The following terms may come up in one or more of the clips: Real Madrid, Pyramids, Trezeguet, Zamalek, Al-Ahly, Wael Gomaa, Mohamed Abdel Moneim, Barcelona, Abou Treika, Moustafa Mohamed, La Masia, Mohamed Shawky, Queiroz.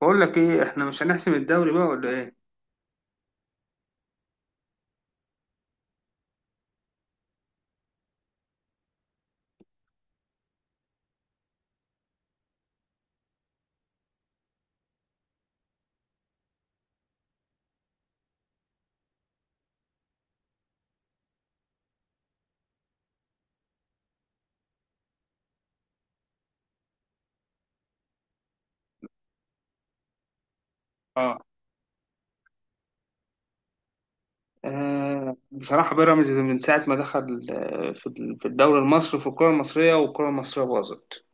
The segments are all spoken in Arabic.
بقول لك ايه؟ احنا مش هنحسم الدوري بقى ولا ايه؟ اه. بصراحه بيراميدز من ساعه ما دخل، في الدوري المصري، في الكره المصريه، والكره المصريه باظت.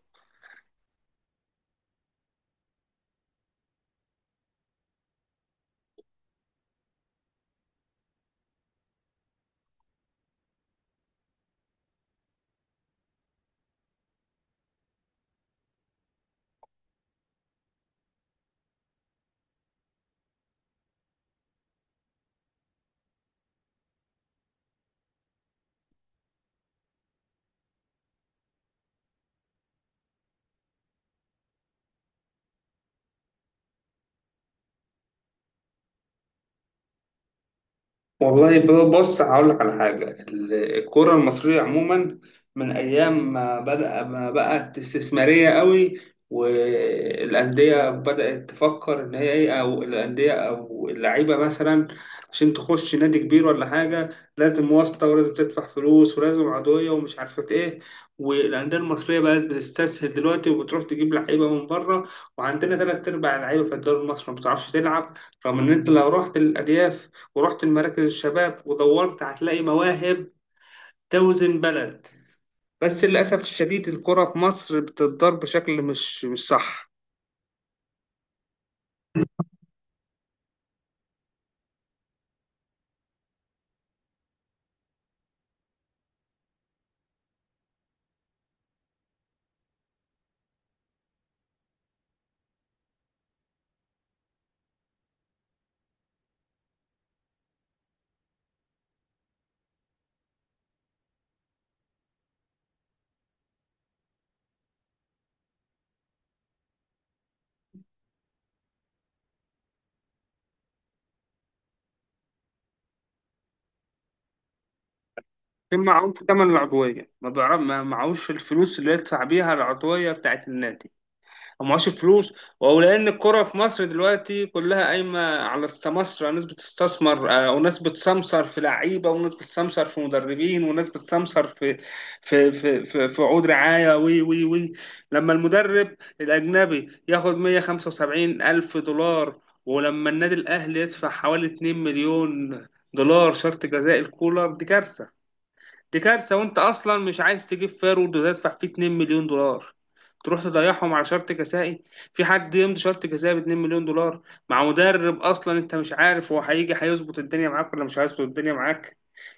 والله، بص هقول لك على حاجة، الكرة المصرية عموما من أيام ما بدأ، ما بقت استثمارية قوي، والأندية بدأت تفكر إن هي إيه، أو الأندية أو اللعيبة مثلا، عشان تخش نادي كبير ولا حاجة لازم واسطة، ولازم تدفع فلوس، ولازم عضوية ومش عارفة إيه. والأندية المصرية بقت بتستسهل دلوقتي وبتروح تجيب لعيبة من بره، وعندنا تلات أرباع اللعيبة في الدوري المصري ما بتعرفش تلعب، رغم إن أنت لو رحت الأرياف ورحت لمراكز الشباب ودورت هتلاقي مواهب توزن بلد. بس للأسف الشديد الكرة في مصر بتتضرب بشكل مش صح. كان معهوش تمن العضوية، ما بيعرف، ما معهوش الفلوس اللي يدفع بيها العضوية بتاعت النادي، ومعهوش فلوس. ولان الكرة في مصر دلوقتي كلها قايمة على السمسرة، ناس بتستثمر، وناس بتسمسر في لعيبة، وناس بتسمسر في مدربين، وناس بتسمسر في عقود رعاية، وي وي وي لما المدرب الأجنبي ياخد 175 ألف دولار، ولما النادي الأهلي يدفع حوالي 2 مليون دولار شرط جزاء الكولر، دي كارثة. دي كارثة. وانت اصلا مش عايز تجيب فارورد وتدفع فيه 2 مليون دولار، تروح تضيعهم على شرط كسائي. في حد يمضي شرط كسائي ب 2 مليون دولار مع مدرب اصلا انت مش عارف هو هيجي هيظبط الدنيا معاك ولا مش هيظبط الدنيا معاك؟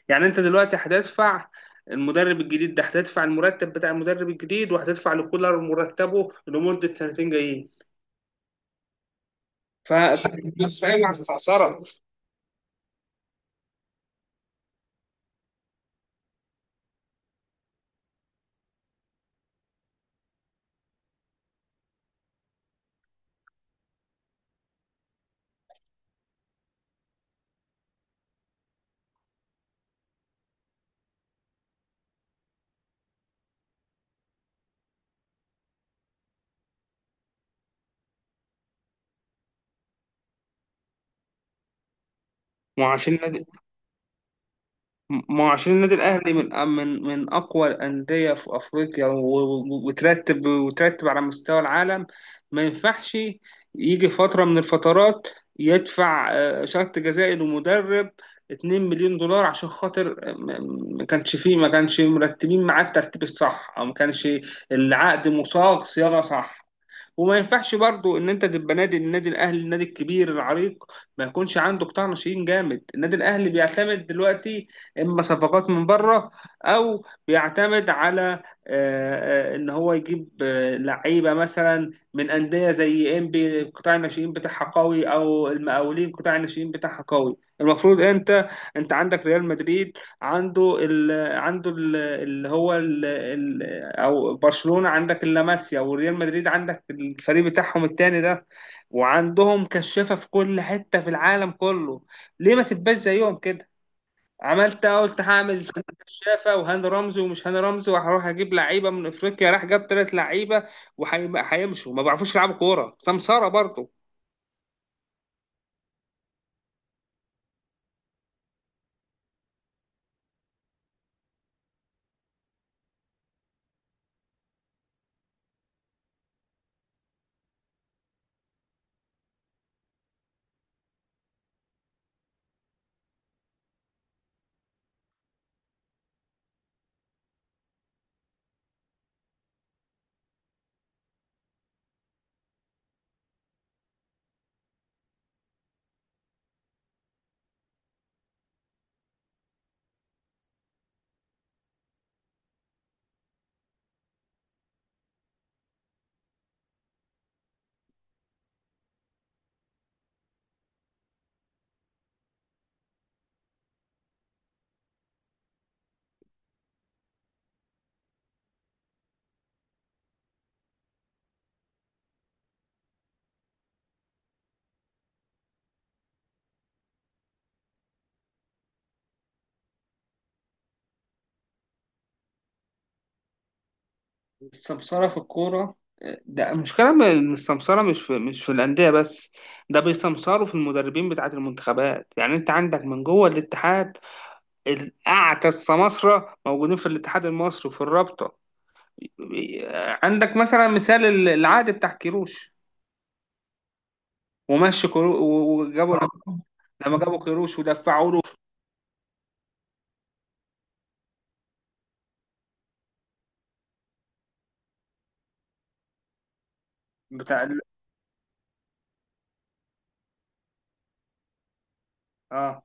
يعني انت دلوقتي هتدفع المدرب الجديد ده، هتدفع المرتب بتاع المدرب الجديد، وهتدفع لكولر مرتبه لمدة سنتين جايين. فالناس فاهم على السعسرة. وعشان ما هو عشان النادي الاهلي من اقوى الانديه في افريقيا، وترتب، وترتب على مستوى العالم. ما ينفعش يجي فتره من الفترات يدفع شرط جزائي لمدرب 2 مليون دولار عشان خاطر، ما كانش فيه، ما كانش مرتبين معاه الترتيب الصح، او ما كانش العقد مصاغ صياغه صح. وما ينفعش برضو ان انت تبقى نادي، النادي الاهلي، النادي الكبير العريق، ما يكونش عنده قطاع ناشئين جامد. النادي الاهلي بيعتمد دلوقتي اما صفقات من بره، او بيعتمد على ان هو يجيب لعيبه مثلا من انديه زي انبي، قطاع الناشئين بتاعها قوي، او المقاولين قطاع الناشئين بتاعها قوي. المفروض انت، انت عندك ريال مدريد، عنده ال، عنده اللي هو ال، او برشلونة عندك اللاماسيا، وريال مدريد عندك الفريق بتاعهم التاني ده، وعندهم كشافة في كل حتة في العالم كله. ليه ما تبقاش زيهم كده؟ عملت إيه؟ قلت هعمل كشافة وهاني رمزي ومش هاني رمزي، وهروح اجيب لعيبة من افريقيا، راح جاب تلات لعيبة وهيمشوا، ما بيعرفوش يلعبوا كورة. سمسارة برضه. السمسرة في الكورة، ده المشكلة. إن السمسرة مش في الأندية بس، ده بيسمسروا في المدربين بتاعة المنتخبات. يعني أنت عندك من جوه الاتحاد، الأعتى السماسرة موجودين في الاتحاد المصري وفي الرابطة. عندك مثلا مثال العقد بتاع كيروش، ومشي كيروش، وجابوا، لما جابوا كيروش ودفعوا له بتاع ال... اه.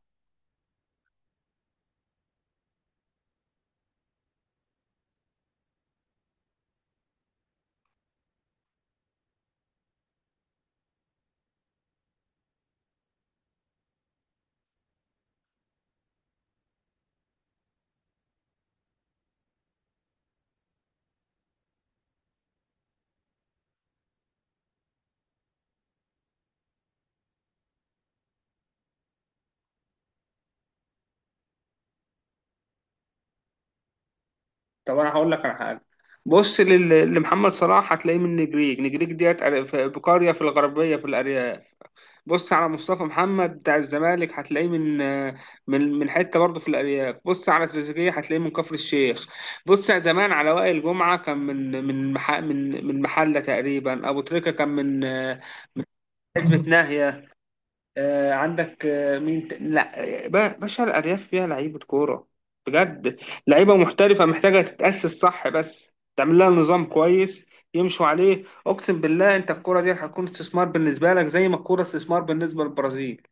طب انا هقول لك على حاجه. بص لل...، لمحمد صلاح هتلاقيه من نجريج، نجريج ديت، في-، بقريه في الغربيه في الأري... بص على مصطفى محمد بتاع الزمالك هتلاقيه من، من حته برضه في الارياف. بص على تريزيجيه هتلاقيه من كفر الشيخ. بص على زمان على وائل جمعه، كان من، من مح...، من محله تقريبا. ابو تريكه كان من حزمه ناهيه. عندك، مين ت... لا، باشا، الارياف فيها لعيبه كوره بجد، لعيبه محترفه، محتاجه تتاسس صح، بس تعمل لها نظام كويس يمشوا عليه. اقسم بالله انت الكوره دي هتكون استثمار بالنسبه لك زي ما الكوره استثمار بالنسبه للبرازيل.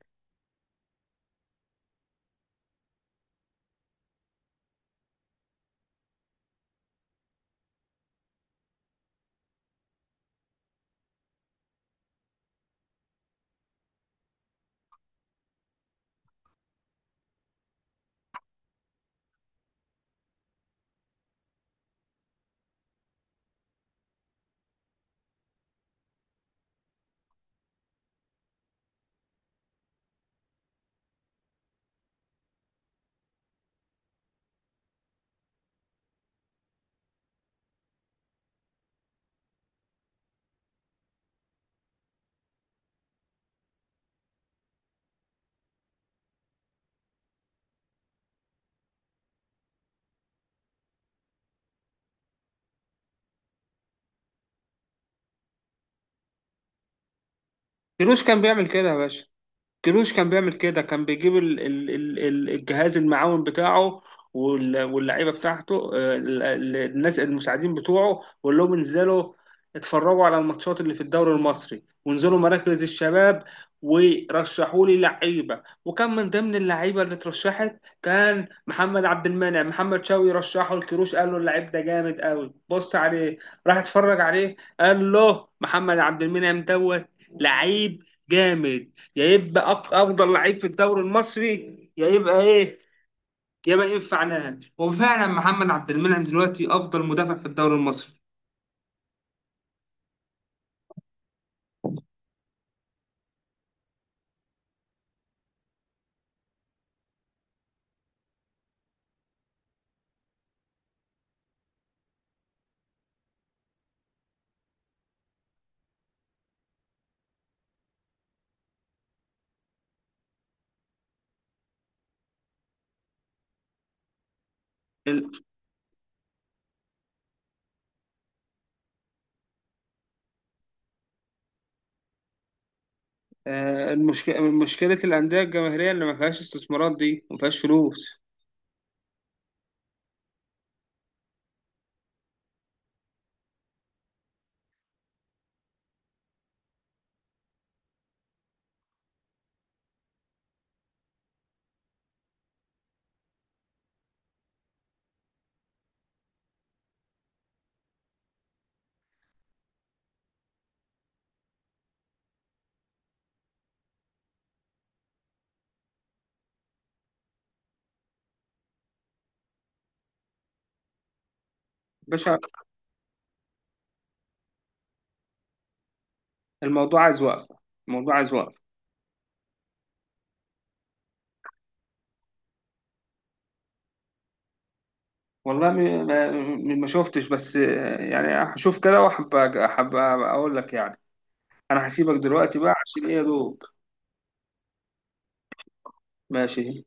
كيروش كان بيعمل كده يا باشا، كيروش كان بيعمل كده، كان بيجيب الجهاز المعاون بتاعه، وال- واللعيبه بتاعته، الناس المساعدين بتوعه، ويقول لهم انزلوا اتفرجوا على الماتشات اللي في الدوري المصري، وانزلوا مراكز الشباب ورشحوا لي لعيبه. وكان من ضمن اللعيبه اللي اترشحت كان محمد عبد المنعم. محمد شوقي رشحه لكيروش، قال له اللعيب ده جامد قوي بص عليه، راح اتفرج عليه قال له محمد عبد المنعم دوت لعيب جامد، يا يبقى افضل لعيب في الدوري المصري، يا يبقى ايه، يا ما ينفع نهائي. وفعلا محمد عبد المنعم دلوقتي افضل مدافع في الدوري المصري. ال- المشكله مشكله الانديه الجماهيريه اللي ما فيهاش استثمارات دي، وما فيهاش فلوس. باشا، الموضوع عايز وقفه، الموضوع عايز وقفه. والله، ما شفتش بس، يعني هشوف كده، وحب حب اقول لك يعني. انا هسيبك دلوقتي بقى عشان ايه، يا دوب. ماشي.